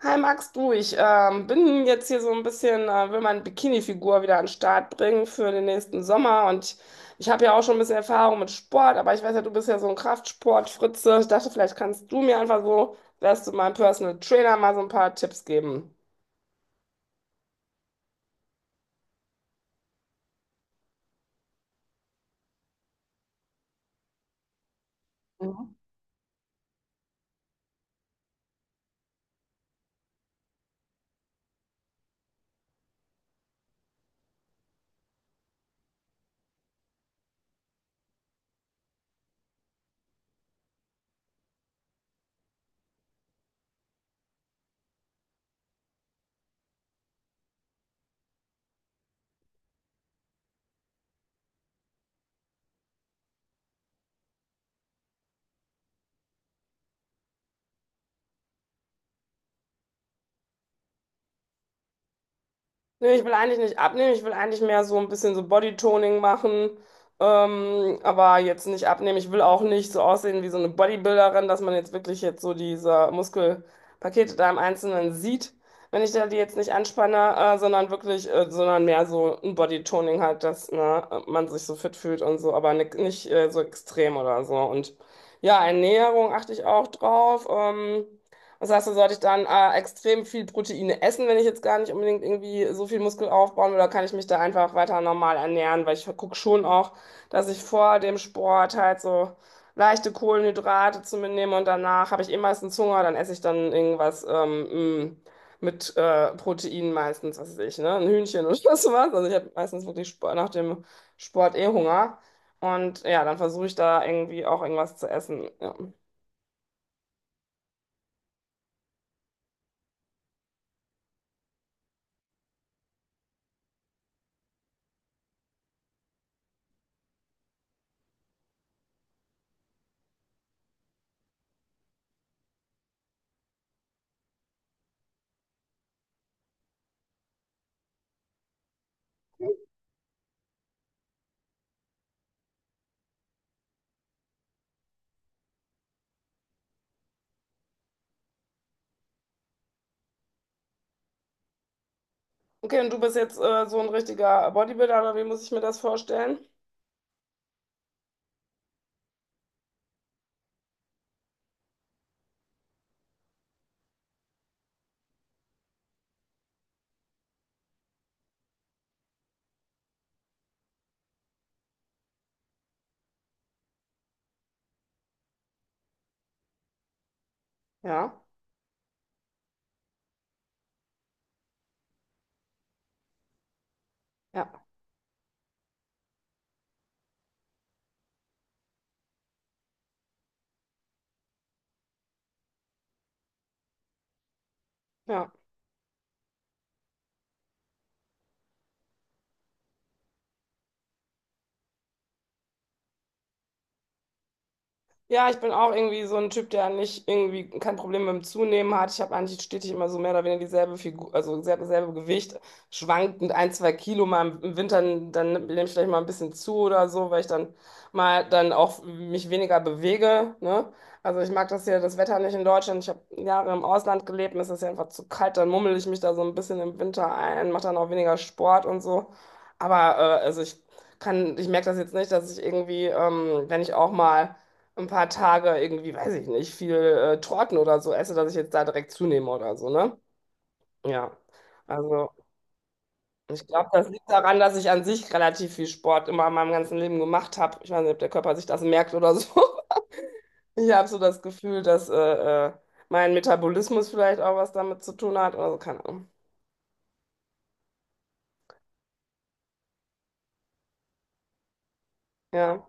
Hi Max, du, ich bin jetzt hier so ein bisschen, will meine Bikini-Figur wieder an den Start bringen für den nächsten Sommer und ich habe ja auch schon ein bisschen Erfahrung mit Sport, aber ich weiß ja, du bist ja so ein Kraftsport-Fritze. Ich dachte, vielleicht kannst du mir einfach so, wärst du mein Personal Trainer, mal so ein paar Tipps geben. Nee, ich will eigentlich nicht abnehmen, ich will eigentlich mehr so ein bisschen so Bodytoning machen, aber jetzt nicht abnehmen. Ich will auch nicht so aussehen wie so eine Bodybuilderin, dass man jetzt wirklich jetzt so diese Muskelpakete da im Einzelnen sieht, wenn ich da die jetzt nicht anspanne, sondern wirklich, sondern mehr so ein Bodytoning halt, dass ne, man sich so fit fühlt und so, aber nicht so extrem oder so. Und ja, Ernährung achte ich auch drauf. Das heißt, da sollte ich dann extrem viel Proteine essen, wenn ich jetzt gar nicht unbedingt irgendwie so viel Muskel aufbauen will, oder kann ich mich da einfach weiter normal ernähren? Weil ich gucke schon auch, dass ich vor dem Sport halt so leichte Kohlenhydrate zu mir nehme und danach habe ich eh meistens Hunger, dann esse ich dann irgendwas mit Protein meistens, was weiß ich, ne? Ein Hühnchen oder sowas. Also ich habe meistens wirklich Sport, nach dem Sport eh Hunger. Und ja, dann versuche ich da irgendwie auch irgendwas zu essen. Ja. Okay, und du bist jetzt so ein richtiger Bodybuilder, oder wie muss ich mir das vorstellen? Ja, ja, ja. Ja, ich bin auch irgendwie so ein Typ, der nicht irgendwie kein Problem mit dem Zunehmen hat. Ich habe eigentlich stetig immer so mehr oder weniger dieselbe Figur, also dieselbe Gewicht, schwankend ein, zwei Kilo mal im Winter, dann nehme ich vielleicht mal ein bisschen zu oder so, weil ich dann auch mich weniger bewege, ne? Also ich mag das hier, das Wetter nicht in Deutschland. Ich habe Jahre im Ausland gelebt, mir ist das ja einfach zu kalt, dann mummel ich mich da so ein bisschen im Winter ein, mache dann auch weniger Sport und so. Aber also ich merke das jetzt nicht, dass ich irgendwie, wenn ich auch mal ein paar Tage irgendwie, weiß ich nicht, viel Torten oder so esse, dass ich jetzt da direkt zunehme oder so, ne? Ja. Also, ich glaube, das liegt daran, dass ich an sich relativ viel Sport immer in meinem ganzen Leben gemacht habe. Ich weiß nicht, ob der Körper sich das merkt oder so. Ich habe so das Gefühl, dass äh, mein Metabolismus vielleicht auch was damit zu tun hat oder so, keine Ahnung. Ja.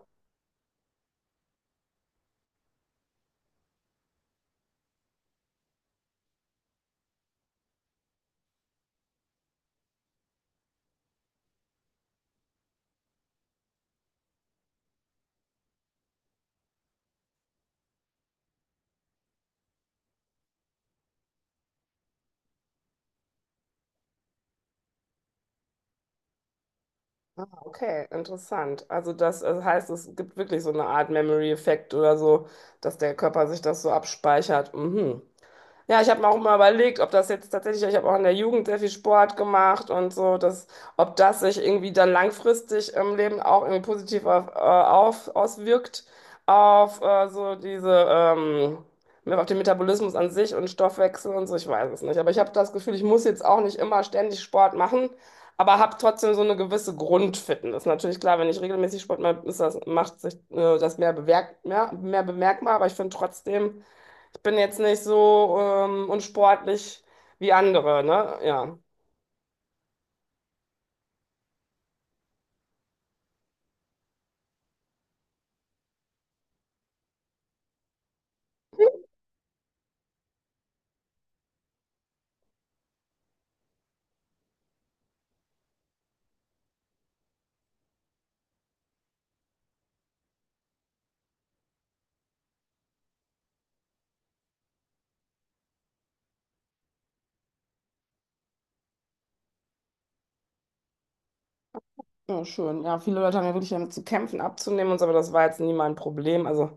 Ah, okay, interessant. Also das heißt, es gibt wirklich so eine Art Memory-Effekt oder so, dass der Körper sich das so abspeichert. Mhm. Ja, ich habe mir auch mal überlegt, ob das jetzt tatsächlich, ich habe auch in der Jugend sehr viel Sport gemacht und so, dass, ob das sich irgendwie dann langfristig im Leben auch irgendwie positiv auswirkt auf so diese, auf den Metabolismus an sich und Stoffwechsel und so, ich weiß es nicht. Aber ich habe das Gefühl, ich muss jetzt auch nicht immer ständig Sport machen, aber habe trotzdem so eine gewisse Grundfitness. Natürlich klar, wenn ich regelmäßig Sport mache, ist das, macht sich das mehr bemerkbar, aber ich finde trotzdem, ich bin jetzt nicht so unsportlich wie andere, ne? Ja. Ja, schön. Ja, viele Leute haben ja wirklich damit zu kämpfen, abzunehmen und so, aber das war jetzt nie mein Problem. Also,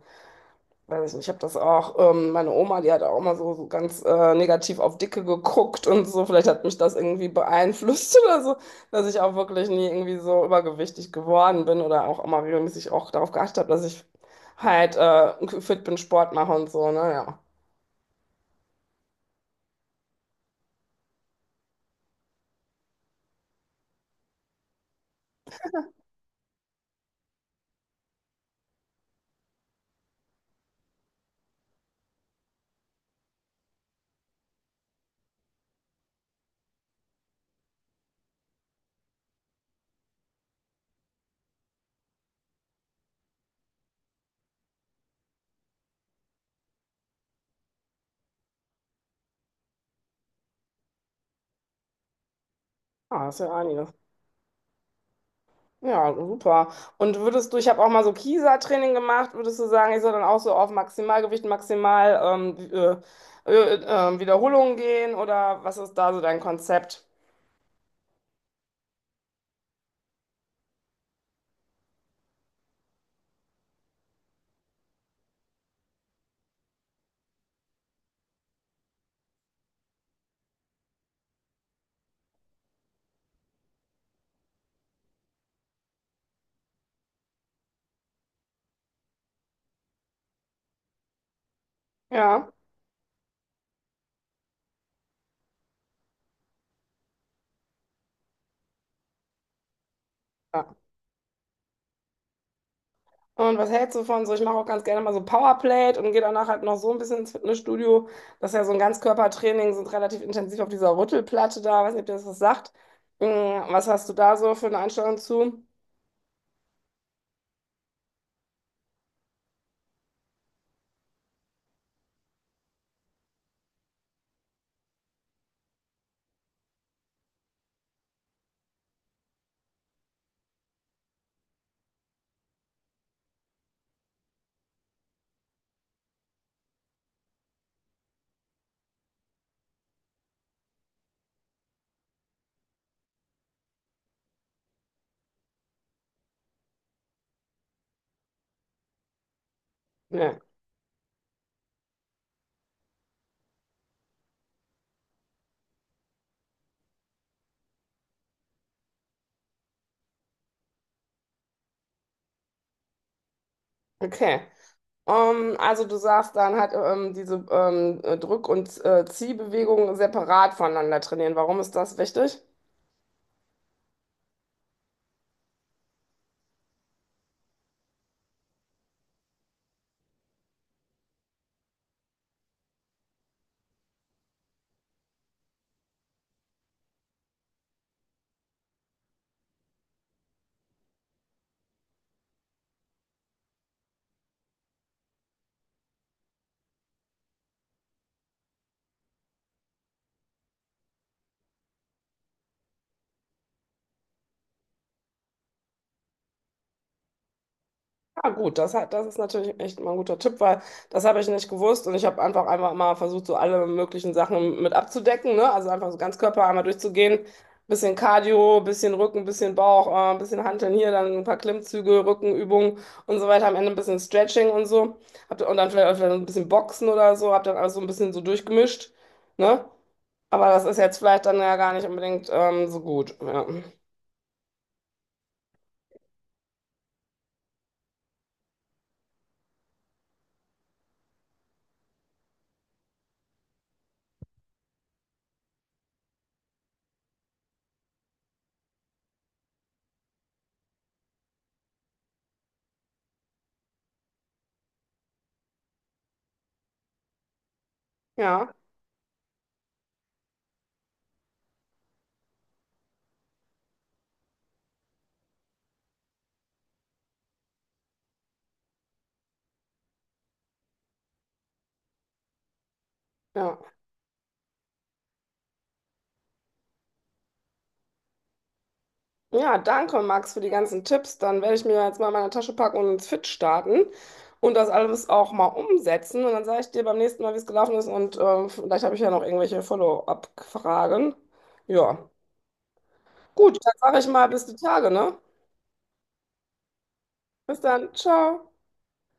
weiß ich nicht, ich habe das auch, meine Oma, die hat auch immer so, so ganz negativ auf Dicke geguckt und so. Vielleicht hat mich das irgendwie beeinflusst oder so, dass ich auch wirklich nie irgendwie so übergewichtig geworden bin oder auch immer regelmäßig auch darauf geachtet habe, dass ich halt fit bin, Sport mache und so, ne? Ja. Ah, ist ja einiges. Ja, super. Und würdest du, ich habe auch mal so Kieser-Training gemacht, würdest du sagen, ich soll dann auch so auf Maximalgewicht, maximal ähm, äh, äh, Wiederholungen gehen oder was ist da so dein Konzept? Ja. Ja. Und was hältst du von so? Ich mache auch ganz gerne mal so Powerplate und gehe danach halt noch so ein bisschen ins Fitnessstudio. Das ist ja so ein Ganzkörpertraining, sind relativ intensiv auf dieser Rüttelplatte da. Weiß nicht, ob dir das was sagt. Mm, Was hast du da so für eine Einstellung zu? Nee. Okay. Also du sagst dann halt diese Drück- und Ziehbewegungen separat voneinander trainieren. Warum ist das wichtig? Ah, gut, das ist natürlich echt mal ein guter Tipp, weil das habe ich nicht gewusst und ich habe einfach mal versucht, so alle möglichen Sachen mit abzudecken, ne? Also einfach so ganz Körper einmal durchzugehen. Bisschen Cardio, bisschen Rücken, bisschen Bauch, bisschen Hanteln hier, dann ein paar Klimmzüge, Rückenübungen und so weiter. Am Ende ein bisschen Stretching und so. Und dann vielleicht ein bisschen Boxen oder so. Habe dann alles so ein bisschen so durchgemischt, ne? Aber das ist jetzt vielleicht dann ja gar nicht unbedingt so gut. Ja. Ja, ja. Ja, danke, Max, für die ganzen Tipps. Dann werde ich mir jetzt mal meine Tasche packen und ins Fit starten und das alles auch mal umsetzen. Und dann sage ich dir beim nächsten Mal, wie es gelaufen ist. Und vielleicht habe ich ja noch irgendwelche Follow-up-Fragen. Ja. Gut, dann sage ich mal bis die Tage, ne? Bis dann. Ciao.